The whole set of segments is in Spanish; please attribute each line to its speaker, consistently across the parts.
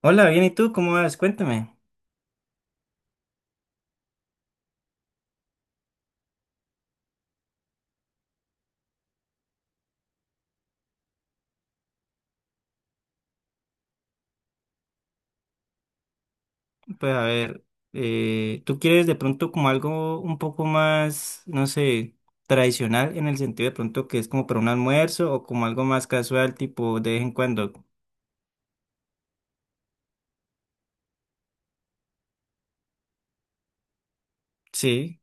Speaker 1: Hola, bien, ¿y tú cómo vas? Cuéntame. Pues a ver, ¿tú quieres de pronto como algo un poco más, no sé, tradicional en el sentido de pronto que es como para un almuerzo o como algo más casual, tipo de vez en cuando? Sí.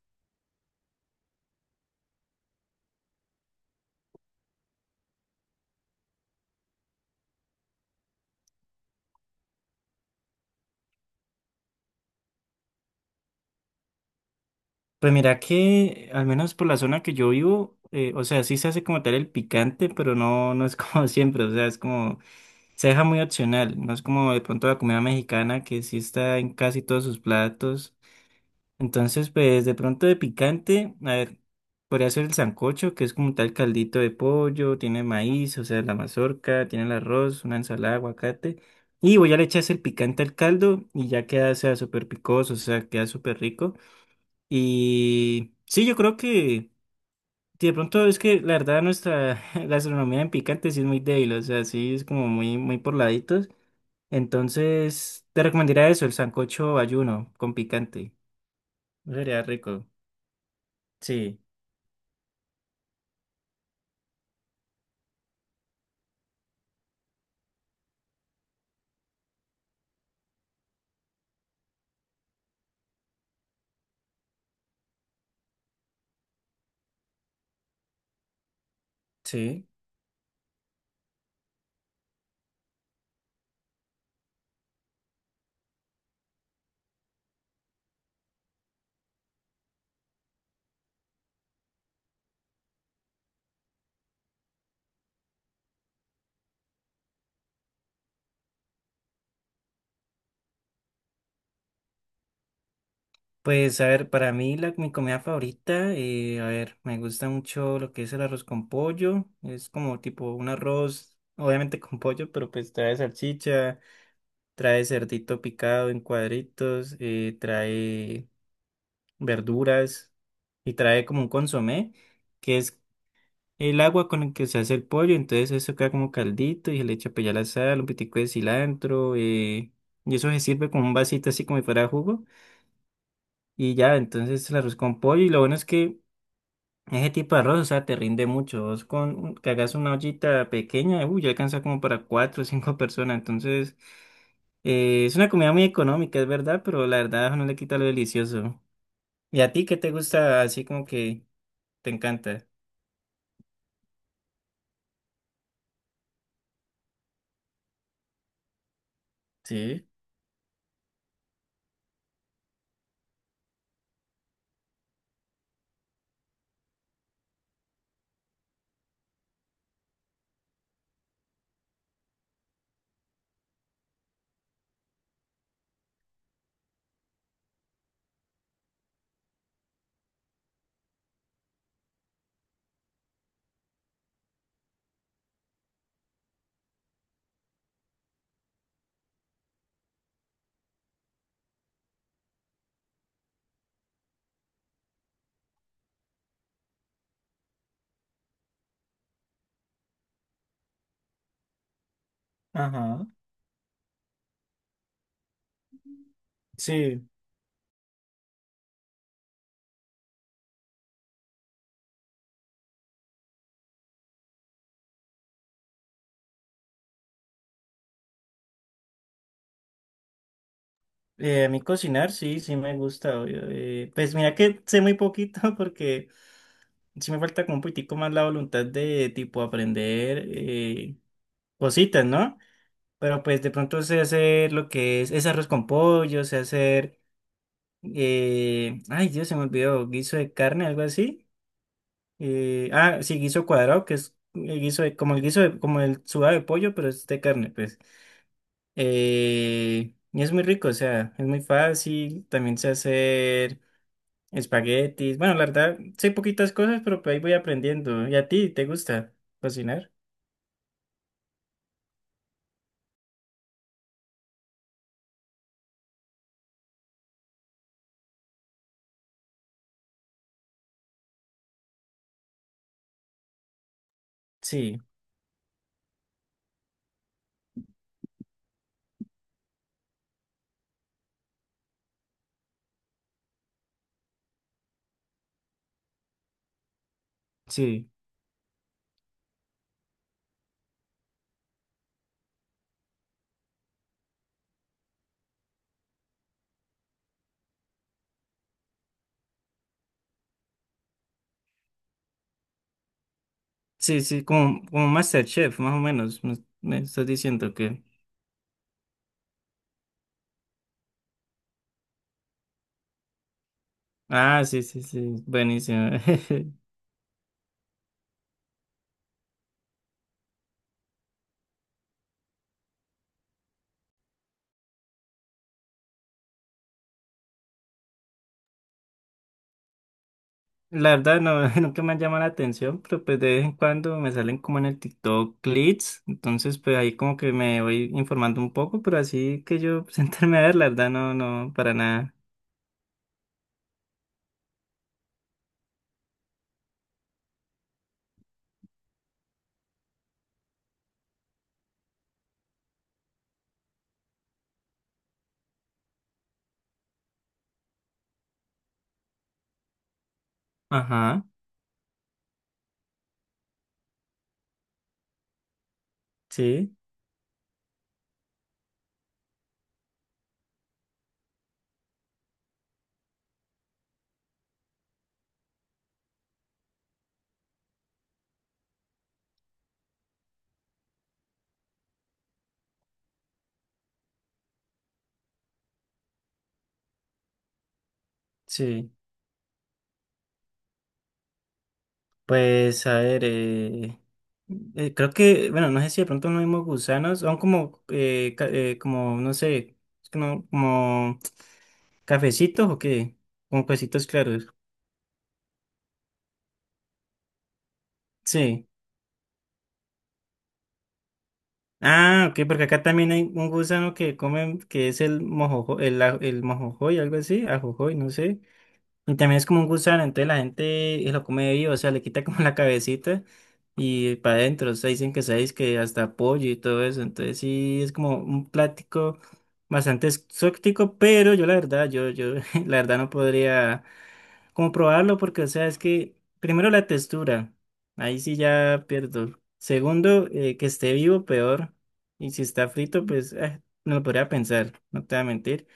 Speaker 1: Pues mira que, al menos por la zona que yo vivo, o sea, sí se hace como tal el picante, pero no es como siempre, o sea, es como, se deja muy opcional, no es como de pronto la comida mexicana que sí está en casi todos sus platos. Entonces, pues de pronto de picante, a ver, podría ser el sancocho, que es como tal caldito de pollo, tiene maíz, o sea, la mazorca, tiene el arroz, una ensalada, aguacate. Y voy a le echas el picante al caldo y ya queda, o sea, súper picoso, o sea, queda súper rico. Y sí, yo creo que sí, de pronto es que la verdad nuestra gastronomía en picante sí es muy débil, o sea, sí es como muy, muy por laditos. Entonces, te recomendaría eso, el sancocho ayuno con picante. Sería rico. Sí. Sí, pues a ver, para mí mi comida favorita, a ver, me gusta mucho lo que es el arroz con pollo, es como tipo un arroz, obviamente con pollo, pero pues trae salchicha, trae cerdito picado en cuadritos, trae verduras y trae como un consomé, que es el agua con el que se hace el pollo, entonces eso queda como caldito y se le echa pues ya la sal, un pitico de cilantro, y eso se sirve con un vasito así como si fuera jugo. Y ya, entonces el arroz con pollo. Y lo bueno es que ese tipo de arroz, o sea, te rinde mucho. Vos con que hagas una ollita pequeña, uy, ya alcanza como para cuatro o cinco personas. Entonces, es una comida muy económica, es verdad, pero la verdad no le quita lo delicioso. ¿Y a ti qué te gusta así como que te encanta? Sí. Ajá. Sí. A mí cocinar, sí me gusta, obvio. Pues mira que sé muy poquito porque sí me falta como un poquitico más la voluntad de tipo aprender. Cositas, ¿no? Pero pues de pronto sé hacer lo que es arroz con pollo, sé hacer, ay Dios, se me olvidó, guiso de carne, algo así. Ah, sí, guiso cuadrado, que es el guiso de- como el como el sudado de pollo, pero es de carne, pues. Y es muy rico, o sea, es muy fácil, también sé hacer espaguetis. Bueno, la verdad, sé poquitas cosas, pero pues ahí voy aprendiendo. ¿Y a ti te gusta cocinar? Sí, sí. Sí, sí, como, como MasterChef, más o menos. Me estás diciendo que. Ah, sí, sí, sí, buenísimo. La verdad, no, nunca me han llamado la atención, pero pues de vez en cuando me salen como en el TikTok clips. Entonces, pues ahí como que me voy informando un poco, pero así que yo sentarme a ver, la verdad, no, no, para nada. Ajá, sí, sí. Pues a ver, creo que, bueno, no sé si de pronto no mismos gusanos, son como, como, no sé, es que no, como. ¿Cafecitos o qué? Con huesitos claros. Sí. Ah, ok, porque acá también hay un gusano que comen, que es el mojojoy, el mojojoy, algo así, ajojoy, no sé. Y también es como un gusano, entonces la gente lo come vivo, o sea, le quita como la cabecita y para adentro, o sea, dicen que sabéis que hasta pollo y todo eso, entonces sí es como un plático bastante exótico, pero yo la verdad, yo la verdad no podría como probarlo porque, o sea, es que primero la textura, ahí sí ya pierdo. Segundo, que esté vivo, peor. Y si está frito, pues no lo podría pensar, no te voy a mentir.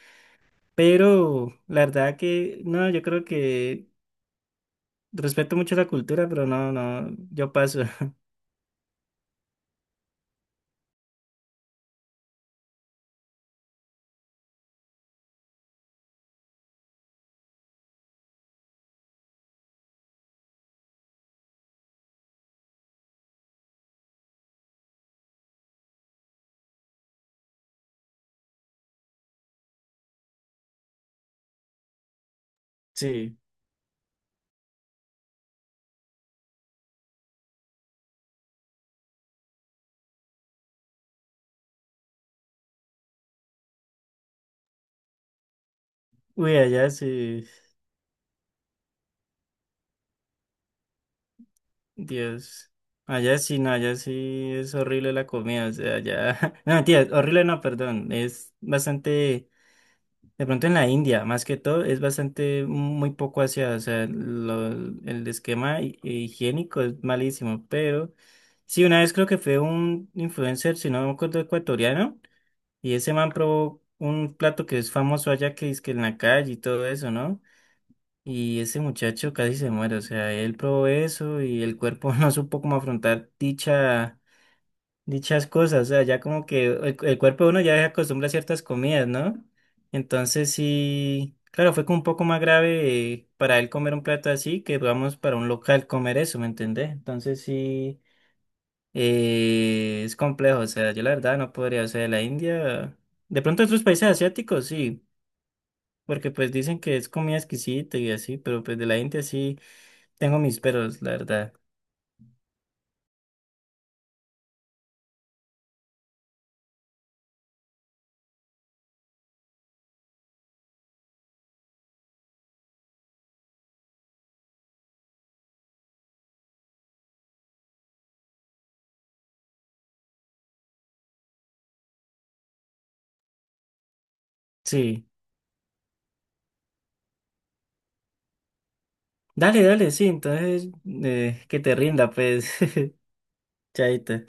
Speaker 1: Pero la verdad que, no, yo creo que respeto mucho la cultura, pero no, no, yo paso. Sí. Uy, allá sí. Dios. Allá sí, no, allá sí es horrible la comida, o sea, allá... No, mentira, horrible no, perdón, es bastante... De pronto en la India, más que todo, es bastante muy poco hacia, o sea, el esquema higiénico es malísimo, pero sí, una vez creo que fue un influencer, si no me acuerdo, ecuatoriano, y ese man probó un plato que es famoso allá que es que en la calle y todo eso, ¿no? Y ese muchacho casi se muere, o sea, él probó eso y el cuerpo no supo cómo afrontar dichas cosas, o sea, ya como que el cuerpo de uno ya se acostumbra a ciertas comidas, ¿no? Entonces sí, claro, fue como un poco más grave para él comer un plato así que, digamos, para un local comer eso, ¿me entendés? Entonces sí. Es complejo, o sea, yo la verdad no podría, o sea, la India, de pronto otros países asiáticos sí, porque pues dicen que es comida exquisita y así, pero pues de la India sí tengo mis peros, la verdad. Sí, dale, dale, sí, entonces que te rinda, pues, chaita.